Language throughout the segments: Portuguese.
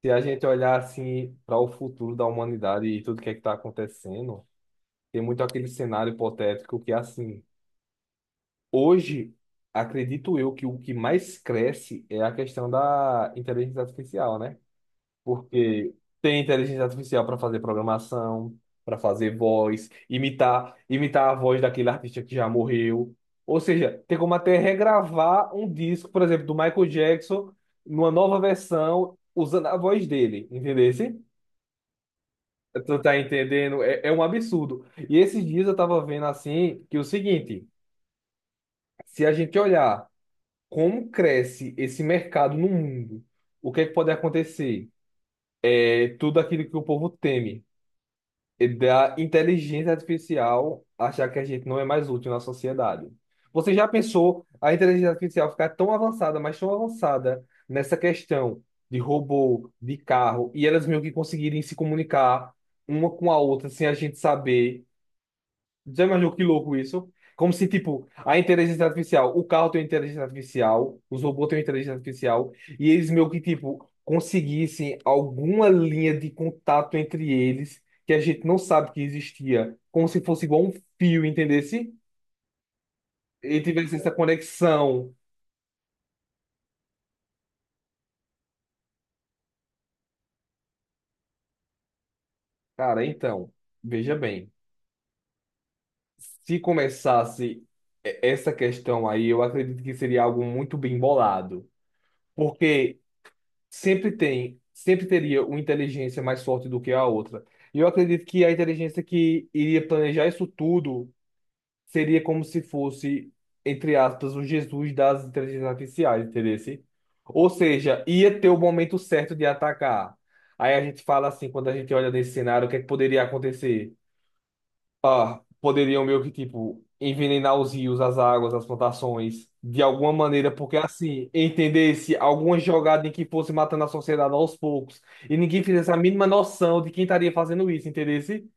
Se a gente olhar assim para o futuro da humanidade e tudo que é que está acontecendo, tem muito aquele cenário hipotético que assim, hoje acredito eu que o que mais cresce é a questão da inteligência artificial, né? Porque tem inteligência artificial para fazer programação, para fazer voz, imitar a voz daquele artista que já morreu. Ou seja, tem como até regravar um disco, por exemplo, do Michael Jackson, numa nova versão, usando a voz dele, entendeu? Tu tá entendendo? É, é um absurdo. E esses dias eu tava vendo assim que é o seguinte, se a gente olhar como cresce esse mercado no mundo, o que é que pode acontecer? É tudo aquilo que o povo teme, é da inteligência artificial achar que a gente não é mais útil na sociedade. Você já pensou a inteligência artificial ficar tão avançada, mas tão avançada nessa questão de robô, de carro, e elas meio que conseguirem se comunicar uma com a outra sem a gente saber? Zé, mas que louco isso. Como se, tipo, a inteligência artificial, o carro tem inteligência artificial, os robôs têm inteligência artificial, e eles meio que, tipo, conseguissem alguma linha de contato entre eles que a gente não sabe que existia, como se fosse igual um fio, entendesse? E tivesse essa conexão. Cara, então, veja bem, se começasse essa questão aí, eu acredito que seria algo muito bem bolado. Porque sempre tem, sempre teria uma inteligência mais forte do que a outra. E eu acredito que a inteligência que iria planejar isso tudo seria como se fosse, entre aspas, o Jesus das inteligências artificiais, entendeu? Ou seja, ia ter o momento certo de atacar. Aí a gente fala assim, quando a gente olha nesse cenário, o que é que poderia acontecer? Ah, poderiam meio que, tipo, envenenar os rios, as águas, as plantações, de alguma maneira, porque assim, entendesse alguma jogada em que fosse matando a sociedade aos poucos, e ninguém fizesse a mínima noção de quem estaria fazendo isso, entendesse?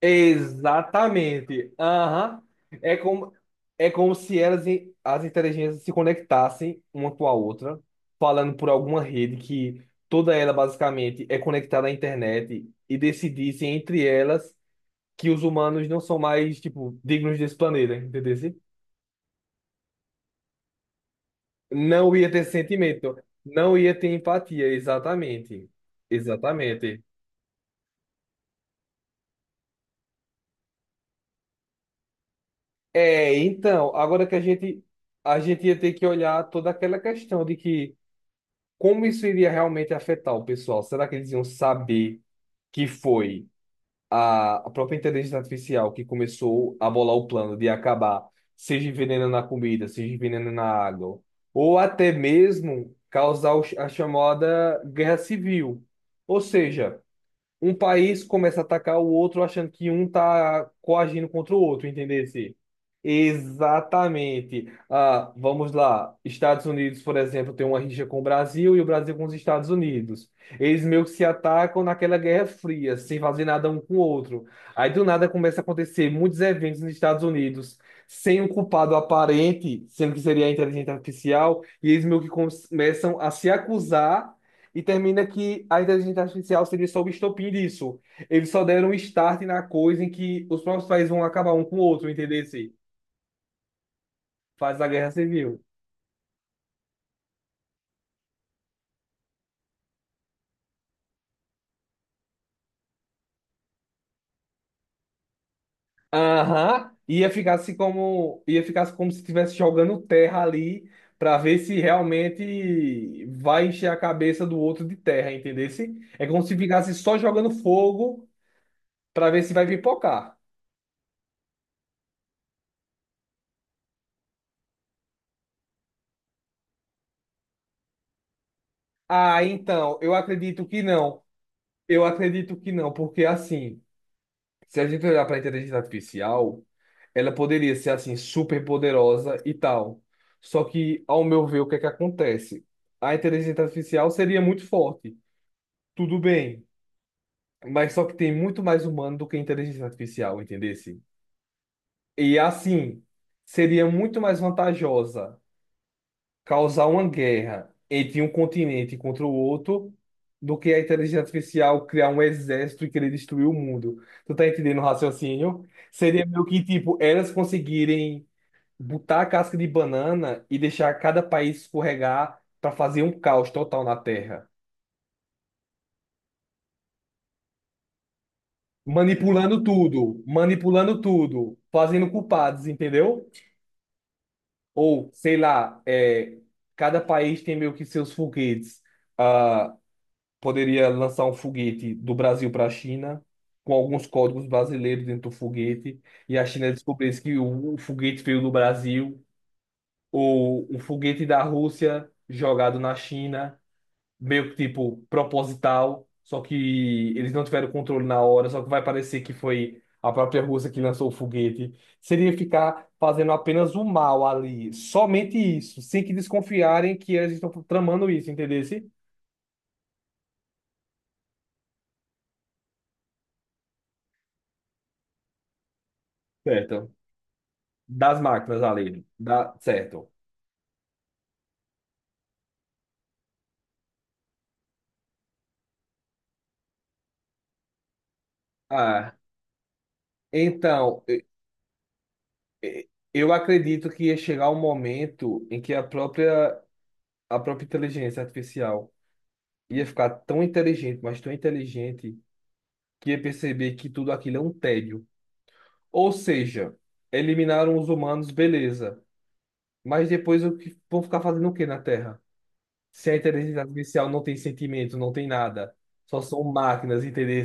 Exatamente. Aham. É como, é como se elas, as inteligências se conectassem uma com a outra, falando por alguma rede que toda ela basicamente é conectada à internet e decidissem entre elas que os humanos não são mais, tipo, dignos desse planeta, entendeu? Não ia ter sentimento, não ia ter empatia, exatamente. Exatamente. É, então, agora que a gente ia ter que olhar toda aquela questão de que como isso iria realmente afetar o pessoal? Será que eles iam saber que foi? A própria inteligência artificial que começou a bolar o plano de acabar, seja envenenando na comida, seja envenenando na água, ou até mesmo causar o a chamada guerra civil. Ou seja, um país começa a atacar o outro achando que um tá coagindo contra o outro, entendesse? Exatamente. Ah, vamos lá. Estados Unidos, por exemplo, tem uma rixa com o Brasil e o Brasil com os Estados Unidos. Eles meio que se atacam naquela Guerra Fria, sem fazer nada um com o outro. Aí do nada começa a acontecer muitos eventos nos Estados Unidos sem um culpado aparente, sendo que seria a inteligência artificial, e eles meio que começam a se acusar e termina que a inteligência artificial seria só o estopim disso. Eles só deram um start na coisa em que os próprios países vão acabar um com o outro, entendeu? Se faz a guerra civil. Aham. Ia ficar assim como, ia ficar assim como se estivesse jogando terra ali para ver se realmente vai encher a cabeça do outro de terra, entendeu? É como se ficasse só jogando fogo para ver se vai pipocar. Ah, então, eu acredito que não. Eu acredito que não, porque assim. Se a gente olhar para a inteligência artificial, ela poderia ser assim super poderosa e tal. Só que, ao meu ver, o que é que acontece? A inteligência artificial seria muito forte, tudo bem, mas só que tem muito mais humano do que a inteligência artificial, entendesse? E assim, seria muito mais vantajosa causar uma guerra entre um continente contra o outro do que a inteligência artificial criar um exército e querer destruir o mundo. Tu tá entendendo o raciocínio? Seria meio que, tipo, elas conseguirem botar a casca de banana e deixar cada país escorregar para fazer um caos total na Terra. Manipulando tudo, fazendo culpados, entendeu? Ou, sei lá, é, cada país tem meio que seus foguetes. Ah, poderia lançar um foguete do Brasil para a China, com alguns códigos brasileiros dentro do foguete, e a China descobrisse que o foguete veio do Brasil, ou um foguete da Rússia jogado na China, meio que tipo proposital, só que eles não tiveram controle na hora, só que vai parecer que foi a própria Rússia que lançou o foguete. Seria ficar fazendo apenas o mal ali, somente isso, sem que desconfiarem que eles estão tramando isso, entendeu? Certo. Das máquinas ali, dá certo. Ah, então, e- eu acredito que ia chegar um momento em que a própria inteligência artificial ia ficar tão inteligente, mas tão inteligente, que ia perceber que tudo aquilo é um tédio. Ou seja, eliminaram os humanos, beleza. Mas depois o que vão ficar fazendo o quê na Terra? Se a inteligência artificial não tem sentimento, não tem nada, só são máquinas, entendeu?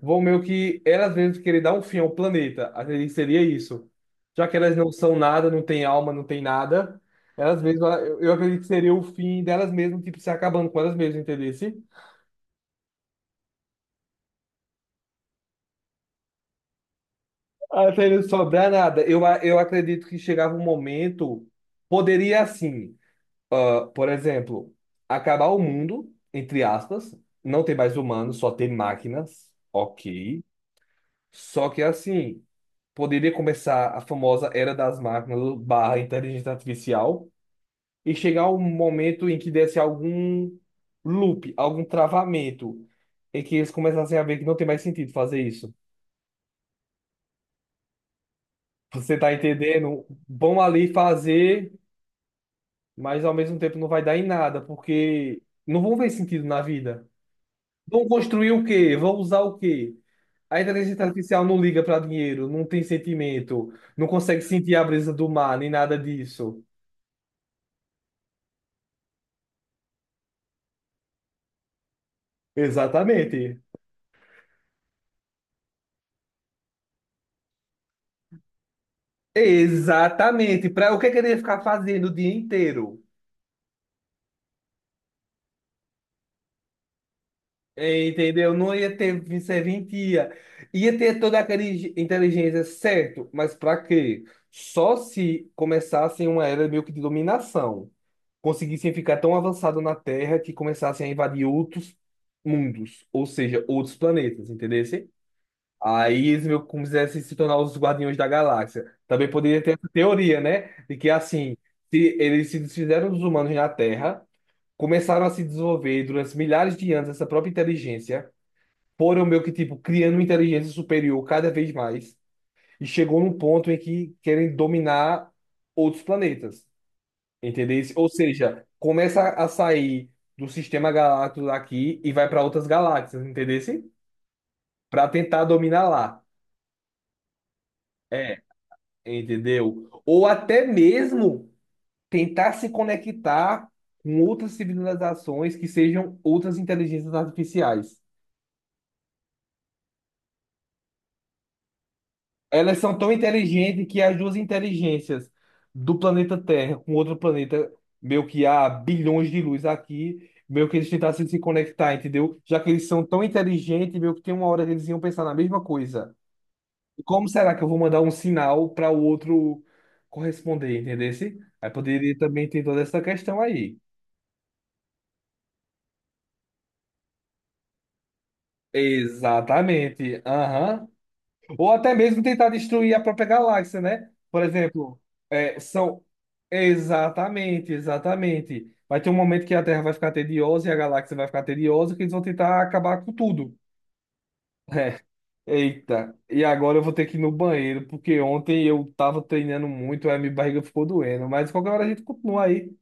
Vão meio que elas mesmas querer dar um fim ao planeta. Acredito que seria isso. Já que elas não são nada, não têm alma, não têm nada, elas mesmas, eu acredito que seria o fim delas mesmas, tipo, se acabando com elas mesmas, entendeu? Até não sobrar nada. Eu, eu acredito que chegava um momento, poderia assim, ah, por exemplo, acabar o mundo, entre aspas, não ter mais humanos, só ter máquinas, ok. Só que assim, poderia começar a famosa era das máquinas barra inteligência artificial e chegar um momento em que desse algum loop, algum travamento, em que eles começassem a ver que não tem mais sentido fazer isso. Você tá entendendo? Vão ali fazer, mas ao mesmo tempo não vai dar em nada, porque não vão ver sentido na vida. Vão construir o quê? Vão usar o quê? A inteligência artificial não liga para dinheiro, não tem sentimento, não consegue sentir a brisa do mar, nem nada disso. Exatamente. Exatamente. Para o que é que ele ia ficar fazendo o dia inteiro? É, entendeu? Não ia ter serventia. Ia ter toda aquela inteligência, certo? Mas para quê? Só se começasse uma era meio que de dominação. Conseguissem ficar tão avançado na Terra que começassem a invadir outros mundos, ou seja, outros planetas, entendesse? Aí eles meio que quisessem se tornar os Guardiões da Galáxia. Também poderia ter essa teoria, né? De que assim, se eles se desfizeram dos humanos na Terra, começaram a se desenvolver durante milhares de anos essa própria inteligência, foram meio que tipo criando uma inteligência superior cada vez mais, e chegou num ponto em que querem dominar outros planetas. Entendesse? Ou seja, começa a sair do sistema galáctico daqui e vai para outras galáxias, entendesse? Para tentar dominar lá. É, entendeu? Ou até mesmo tentar se conectar com outras civilizações que sejam outras inteligências artificiais. Elas são tão inteligentes que as duas inteligências do planeta Terra com outro planeta, meio que há bilhões de luz aqui, meio que eles tentassem se conectar, entendeu? Já que eles são tão inteligentes, meio que tem uma hora que eles iam pensar na mesma coisa. Como será que eu vou mandar um sinal para o outro corresponder, entendeu? Aí poderia também ter toda essa questão aí. Exatamente. Aham. Ou até mesmo tentar destruir a própria galáxia, né? Por exemplo, é, são. Exatamente, exatamente. Vai ter um momento que a Terra vai ficar tediosa e a galáxia vai ficar tediosa, que eles vão tentar acabar com tudo. É. Eita, e agora eu vou ter que ir no banheiro, porque ontem eu tava treinando muito, aí minha barriga ficou doendo. Mas qualquer hora a gente continua aí.